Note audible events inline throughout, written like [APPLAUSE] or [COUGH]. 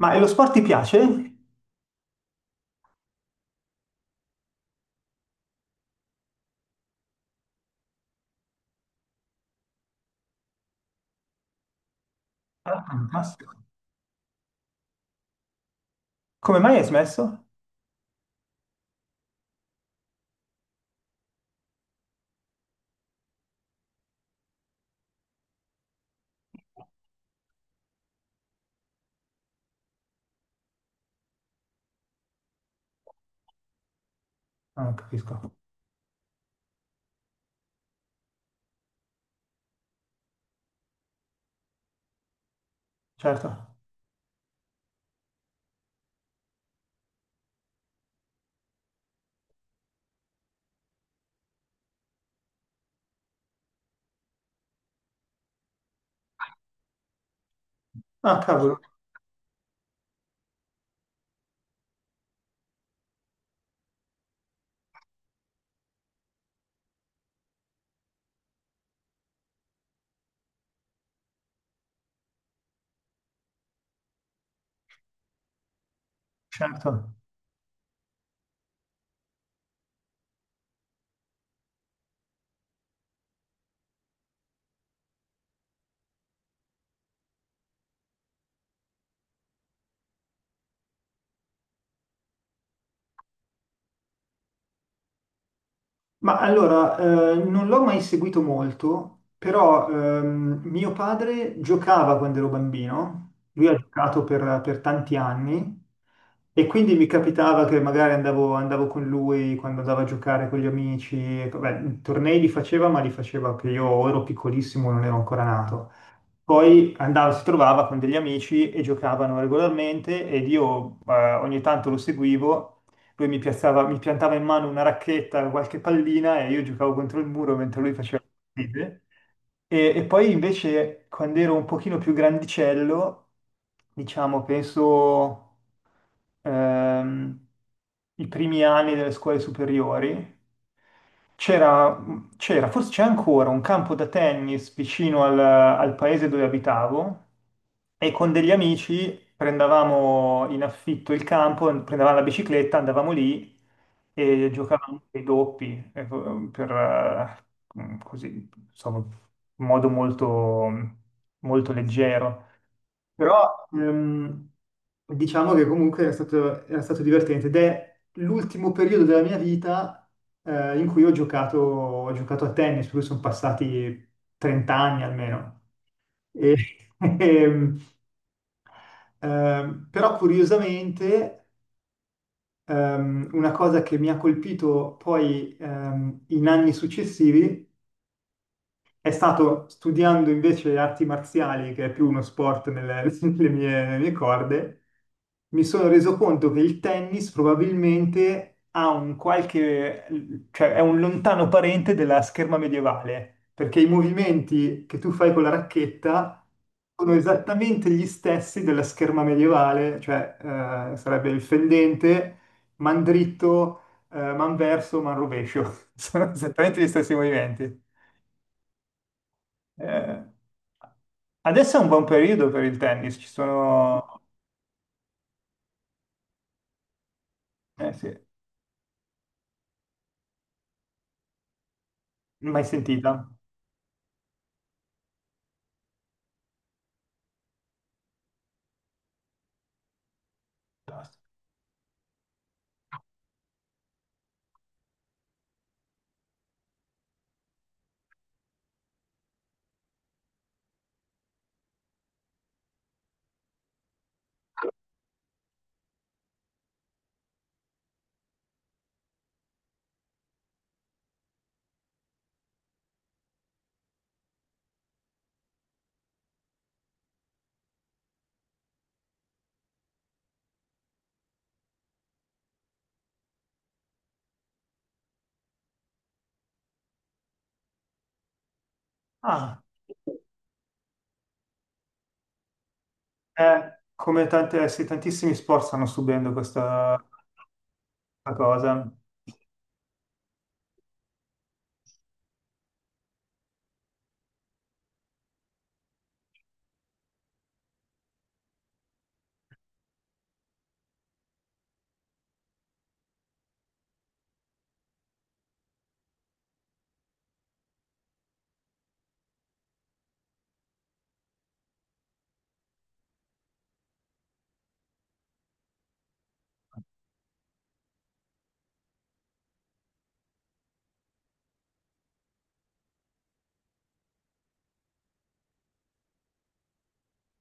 Ma e lo sport ti piace? Ah, fantastico. Come mai hai smesso? Ah, non capisco. Certo. Ah, cavolo, certo. Ma allora, non l'ho mai seguito molto, però mio padre giocava quando ero bambino, lui ha giocato per tanti anni e quindi mi capitava che magari andavo con lui quando andavo a giocare con gli amici, e, vabbè, i tornei li faceva, ma li faceva che io o ero piccolissimo, o non ero ancora nato. Poi andava, si trovava con degli amici e giocavano regolarmente ed io ogni tanto lo seguivo. Mi piantava in mano una racchetta, qualche pallina e io giocavo contro il muro mentre lui faceva le partite. E poi invece quando ero un pochino più grandicello, diciamo, penso ehm, i primi anni delle scuole superiori, c'era, c'era, forse c'è ancora un campo da tennis vicino al paese dove abitavo e con degli amici prendevamo in affitto il campo, prendevamo la bicicletta, andavamo lì e giocavamo ai doppi per, così, insomma, in modo molto leggero. Però diciamo che comunque era era stato divertente ed è l'ultimo periodo della mia vita in cui ho ho giocato a tennis, per cui sono passati 30 anni almeno. E- [LAUGHS] ehm, però curiosamente una cosa che mi ha colpito poi in anni successivi è stato studiando invece arti marziali, che è più uno sport [LAUGHS] nelle mie corde, mi sono reso conto che il tennis probabilmente ha un cioè è un lontano parente della scherma medievale, perché i movimenti che tu fai con la racchetta sono esattamente gli stessi della scherma medievale, cioè sarebbe il fendente, man dritto, man rovescio. [LAUGHS] Sono esattamente gli stessi movimenti. Eh, adesso è un buon periodo per il tennis, ci sono... Eh sì, mai sentita? Ah, come tante, sì, tantissimi sport stanno subendo questa cosa,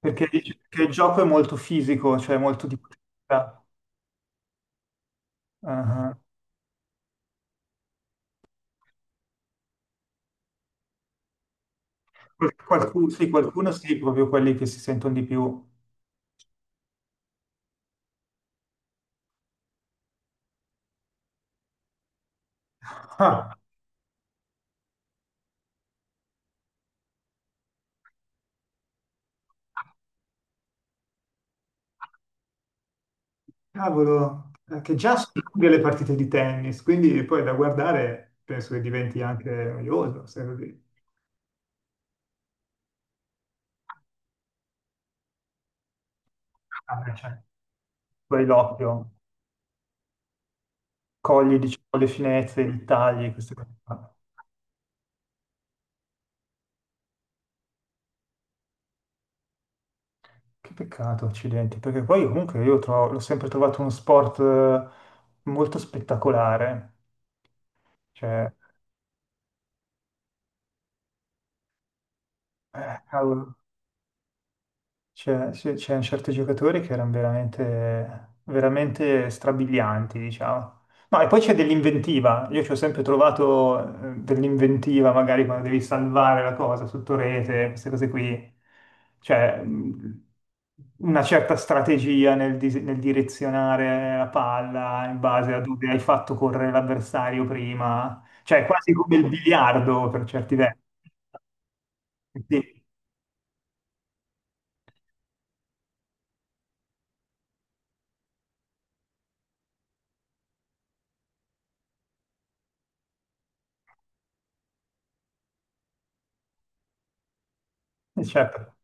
perché il gioco è molto fisico, cioè molto di potenza. Ah, sì, qualcuno sì, proprio quelli che si sentono di più. Ah, cavolo, che già sono lunghe le partite di tennis, quindi poi da guardare penso che diventi anche noioso, se così. Ah, beh, cioè, tu hai l'occhio, cogli, diciamo, le finezze, i tagli, queste cose qua. Che peccato, accidenti, perché poi comunque io l'ho sempre trovato uno sport molto spettacolare. Cioè, cavolo, sì, c'erano certi giocatori che erano veramente strabilianti, diciamo. No, e poi c'è dell'inventiva. Io ci ho sempre trovato dell'inventiva, magari quando devi salvare la cosa sotto rete, queste cose qui. Cioè, una certa strategia nel direzionare la palla in base a dove hai fatto correre l'avversario prima. Cioè, è quasi come il biliardo per certi versi. Sì, certo.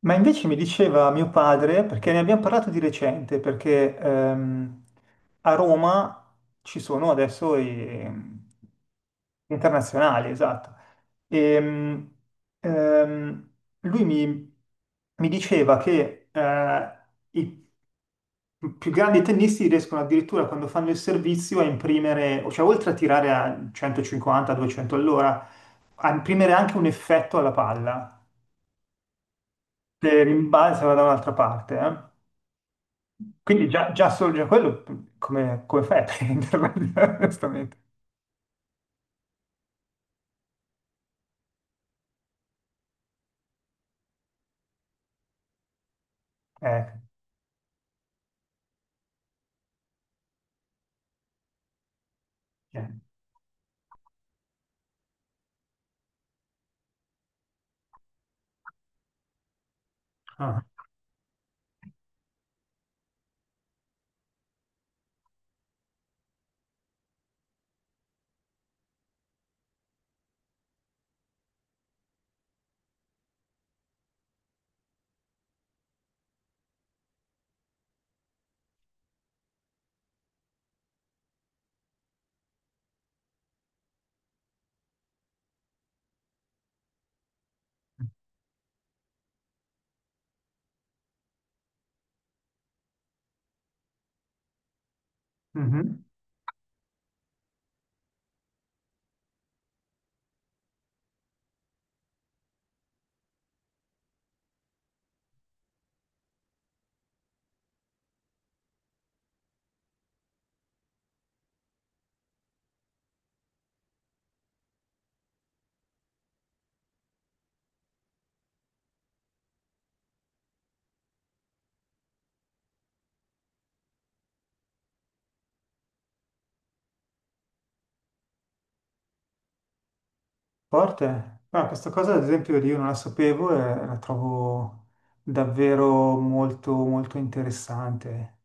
Ma invece mi diceva mio padre, perché ne abbiamo parlato di recente, perché a Roma ci sono adesso i gli internazionali, esatto. Ehm, ehm, lui mi, mi diceva che i più grandi tennisti riescono addirittura quando fanno il servizio a imprimere, cioè oltre a tirare a 150-200 all'ora, a imprimere anche un effetto alla palla che rimbalza da un'altra parte. Eh. Quindi già quello, come fai a prenderla, [LAUGHS] onestamente? Eh, eh. Ah, mhm. Forte. Ah, questa cosa, ad esempio, io non la sapevo e la trovo davvero molto interessante.